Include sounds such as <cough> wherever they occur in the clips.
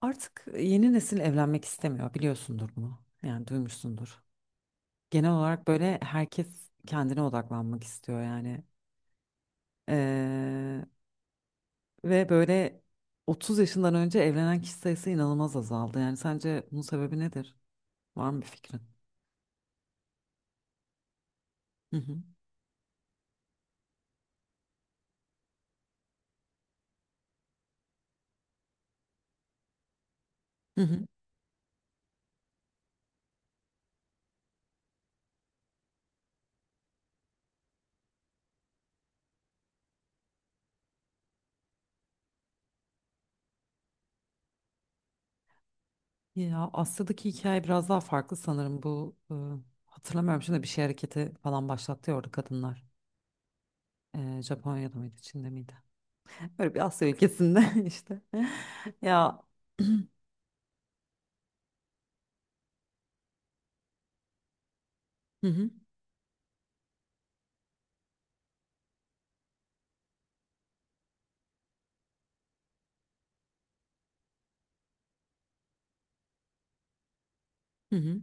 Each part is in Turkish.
Artık yeni nesil evlenmek istemiyor, biliyorsundur bunu. Yani duymuşsundur. Genel olarak böyle herkes kendine odaklanmak istiyor yani. Ee, ve böyle 30 yaşından önce evlenen kişi sayısı inanılmaz azaldı. Yani sence bunun sebebi nedir? Var mı bir fikrin? Hı hı. Hı hı. Ya Asya'daki hikaye biraz daha farklı sanırım. Bu hatırlamıyorum şimdi bir şey hareketi falan başlattı ya orada kadınlar. Japonya'da mıydı, Çin'de miydi? Böyle bir Asya ülkesinde <laughs> işte. Ya <clears throat> Hı hı. Hı hı.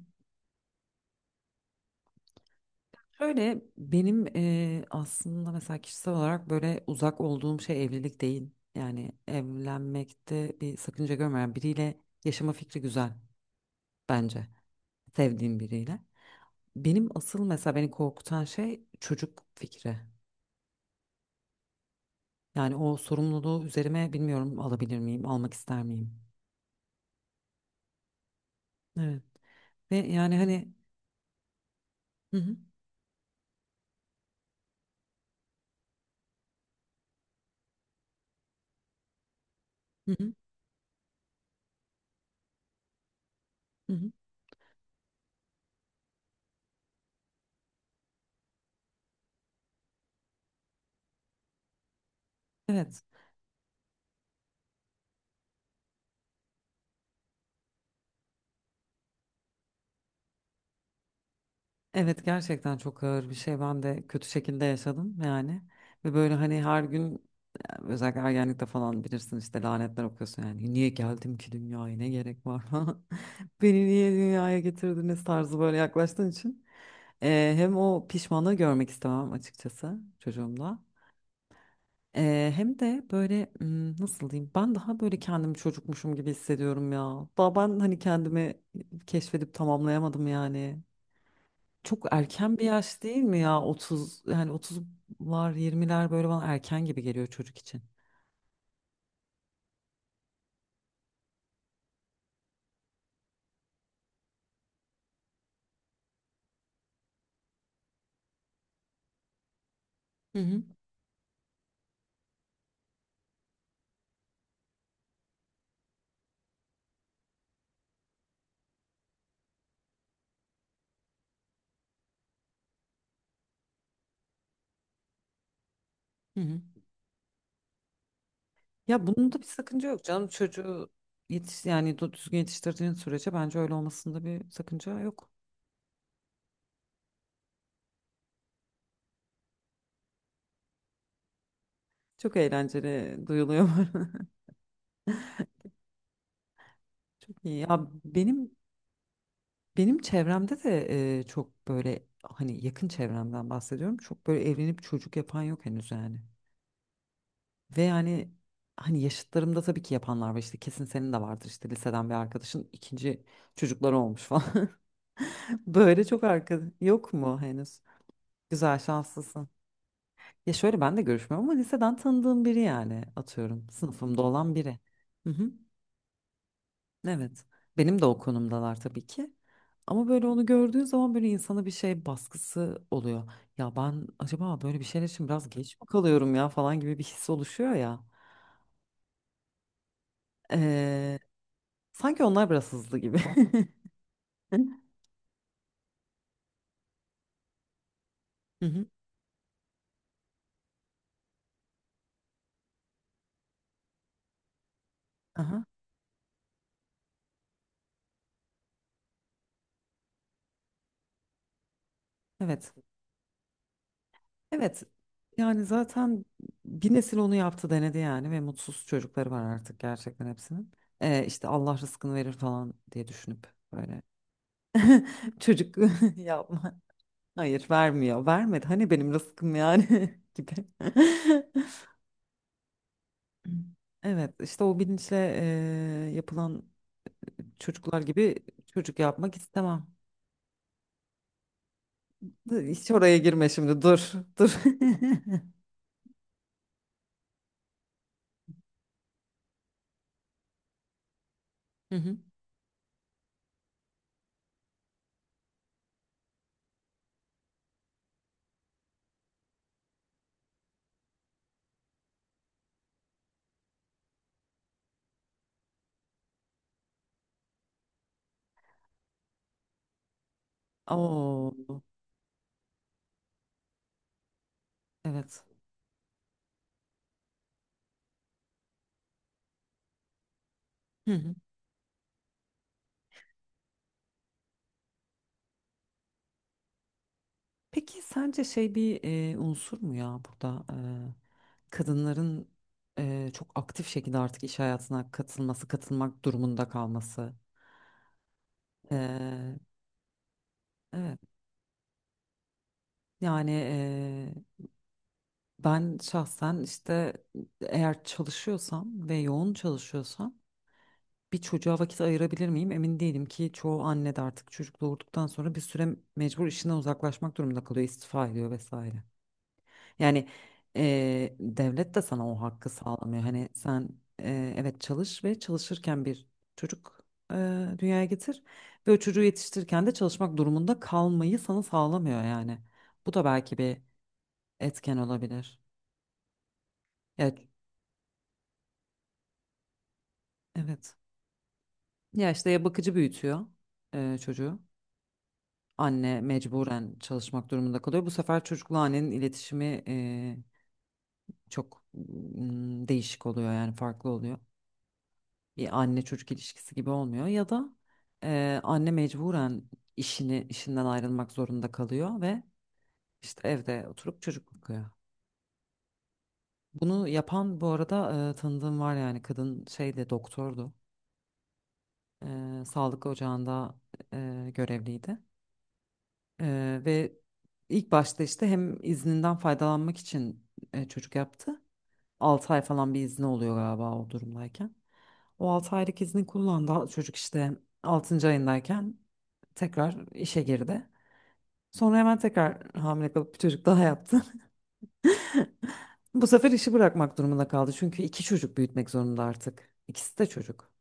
Şöyle benim aslında mesela kişisel olarak böyle uzak olduğum şey evlilik değil. Yani evlenmekte bir sakınca görmeyen biriyle yaşama fikri güzel bence. Sevdiğim biriyle. Benim asıl mesela beni korkutan şey çocuk fikri. Yani o sorumluluğu üzerime bilmiyorum alabilir miyim, almak ister miyim? Evet. Ve yani hani hı hı. Hı hı. Hı hı. Evet. Evet gerçekten çok ağır bir şey. Ben de kötü şekilde yaşadım yani. Ve böyle hani her gün yani özellikle ergenlikte falan bilirsin işte lanetler okuyorsun yani. Niye geldim ki dünyaya ne gerek var falan. <laughs> Beni niye dünyaya getirdiniz tarzı böyle yaklaştığın için. Hem o pişmanlığı görmek istemem açıkçası çocuğumda. Hem de böyle, nasıl diyeyim ben daha böyle kendimi çocukmuşum gibi hissediyorum ya. Daha ben hani kendimi keşfedip tamamlayamadım yani. Çok erken bir yaş değil mi ya? Otuz yani 30'lar yirmiler böyle bana erken gibi geliyor çocuk için. Hı hı. Hı hı. Ya bunun da bir sakınca yok canım. Çocuğu yetiş yani düzgün yetiştirdiğin sürece bence öyle olmasında bir sakınca yok. Çok eğlenceli duyuluyor bana. <laughs> Çok iyi. Ya benim çevremde de çok böyle hani yakın çevremden bahsediyorum. Çok böyle evlenip çocuk yapan yok henüz yani. Ve yani hani yaşıtlarımda tabii ki yapanlar var işte kesin senin de vardır işte liseden bir arkadaşın ikinci çocukları olmuş falan. <laughs> Böyle çok arka yok mu henüz? Güzel şanslısın. Ya şöyle ben de görüşmüyorum ama liseden tanıdığım biri yani atıyorum sınıfımda olan biri. Hı hı. Evet. Benim de o konumdalar tabii ki. Ama böyle onu gördüğün zaman böyle insana bir şey baskısı oluyor. Ya ben acaba böyle bir şeyler için biraz geç mi kalıyorum ya falan gibi bir his oluşuyor ya. Ee, Sanki onlar biraz hızlı gibi. <laughs> Hı hı. Aha. Evet. Evet. Yani zaten bir nesil onu yaptı denedi yani ve mutsuz çocukları var artık gerçekten hepsinin. İşte Allah rızkını verir falan diye düşünüp böyle <laughs> çocuk <laughs> yapma. Hayır vermiyor. Vermedi. Hani benim rızkım yani <laughs> gibi. <laughs> Evet işte o bilinçle yapılan çocuklar gibi çocuk yapmak istemem. Dur, hiç oraya girme şimdi dur, dur. <laughs> Hı hı. Oo, evet. Hı hı. Peki sence şey bir unsur mu ya burada, kadınların çok aktif şekilde artık iş hayatına katılması, katılmak durumunda kalması? E, evet. Yani, ben şahsen işte eğer çalışıyorsam ve yoğun çalışıyorsam bir çocuğa vakit ayırabilir miyim? Emin değilim ki çoğu anne de artık çocuk doğurduktan sonra bir süre mecbur işinden uzaklaşmak durumunda kalıyor, istifa ediyor vesaire. Yani, devlet de sana o hakkı sağlamıyor. Hani sen, evet çalış ve çalışırken bir çocuk e, dünyaya getir ve o çocuğu yetiştirirken de çalışmak durumunda kalmayı sana sağlamıyor yani. Bu da belki bir etken olabilir. Ya, evet. Ya işte ya bakıcı büyütüyor çocuğu. Anne mecburen çalışmak durumunda kalıyor. Bu sefer çocukla annenin iletişimi çok değişik oluyor yani farklı oluyor. Bir anne çocuk ilişkisi gibi olmuyor ya da anne mecburen işini işinden ayrılmak zorunda kalıyor ve işte evde oturup çocuk bakıyor. Bunu yapan bu arada, tanıdığım var yani kadın şeyde doktordu. Sağlık ocağında görevliydi. Ve ilk başta işte hem izninden faydalanmak için çocuk yaptı. 6 ay falan bir izni oluyor galiba o durumdayken. O 6 aylık izni kullandı. Çocuk işte altıncı ayındayken tekrar işe girdi. Sonra hemen tekrar hamile kalıp bir çocuk daha yaptı. <laughs> Bu sefer işi bırakmak durumunda kaldı. Çünkü iki çocuk büyütmek zorunda artık. İkisi de çocuk.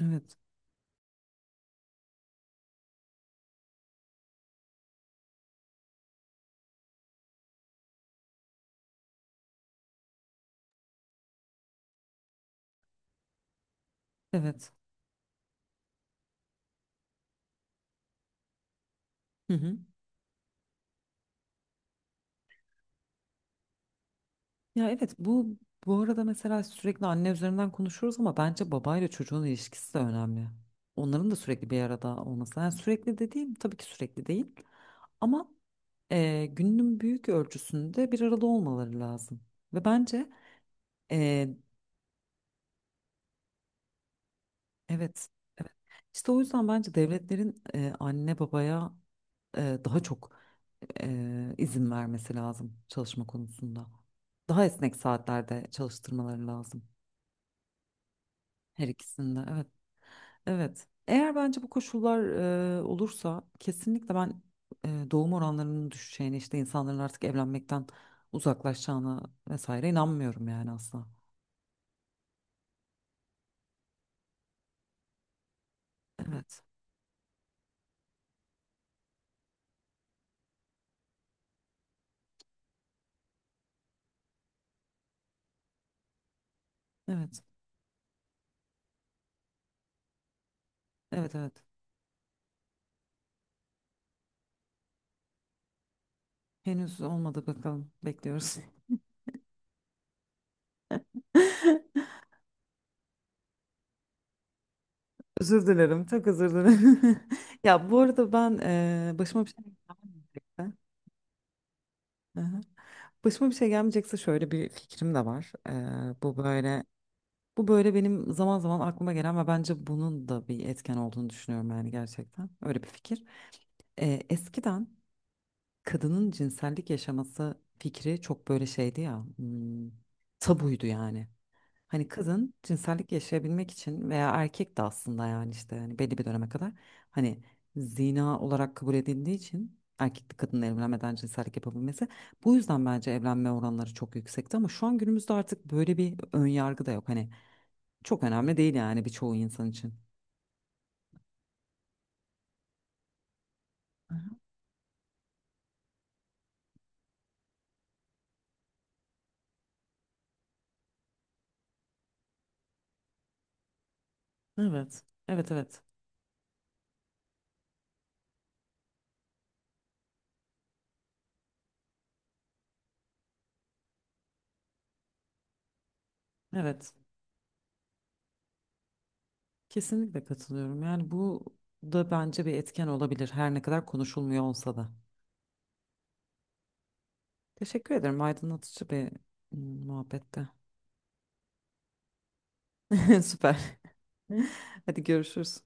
Evet, evet. Hı hı. Ya evet bu arada mesela sürekli anne üzerinden konuşuyoruz ama bence babayla çocuğun ilişkisi de önemli. Onların da sürekli bir arada olması. Yani sürekli dediğim tabii ki sürekli değil. Ama günün büyük ölçüsünde bir arada olmaları lazım. Ve bence e, evet, evet. İşte o yüzden bence devletlerin anne babaya daha çok izin vermesi lazım çalışma konusunda. Daha esnek saatlerde çalıştırmaları lazım her ikisinde. Evet, evet. Eğer bence bu koşullar olursa kesinlikle ben, doğum oranlarının düşeceğine, işte insanların artık evlenmekten uzaklaşacağına vesaire inanmıyorum yani asla. Evet. Evet. Evet evet. Henüz olmadı bakalım. Bekliyoruz. <laughs> Özür dilerim. Çok özür dilerim. <laughs> Ya bu arada ben, başıma bir şey gelmeyecekse. Hı hı. Başıma bir şey gelmeyecekse şöyle bir fikrim de var. Bu böyle benim zaman zaman aklıma gelen ve bence bunun da bir etken olduğunu düşünüyorum yani gerçekten. Öyle bir fikir. Eskiden kadının cinsellik yaşaması fikri çok böyle şeydi ya. Tabuydu yani. Hani kızın cinsellik yaşayabilmek için veya erkek de aslında yani işte hani belli bir döneme kadar hani zina olarak kabul edildiği için erkekli kadınla evlenmeden cinsellik yapabilmesi bu yüzden bence evlenme oranları çok yüksekti ama şu an günümüzde artık böyle bir ön yargı da yok hani çok önemli değil yani birçoğu insan için. Aha. Evet. Evet evet. Evet. Kesinlikle katılıyorum. Yani bu da bence bir etken olabilir her ne kadar konuşulmuyor olsa da. Teşekkür ederim. Aydınlatıcı bir mm, muhabbette. <laughs> Süper. <laughs> Hadi görüşürüz.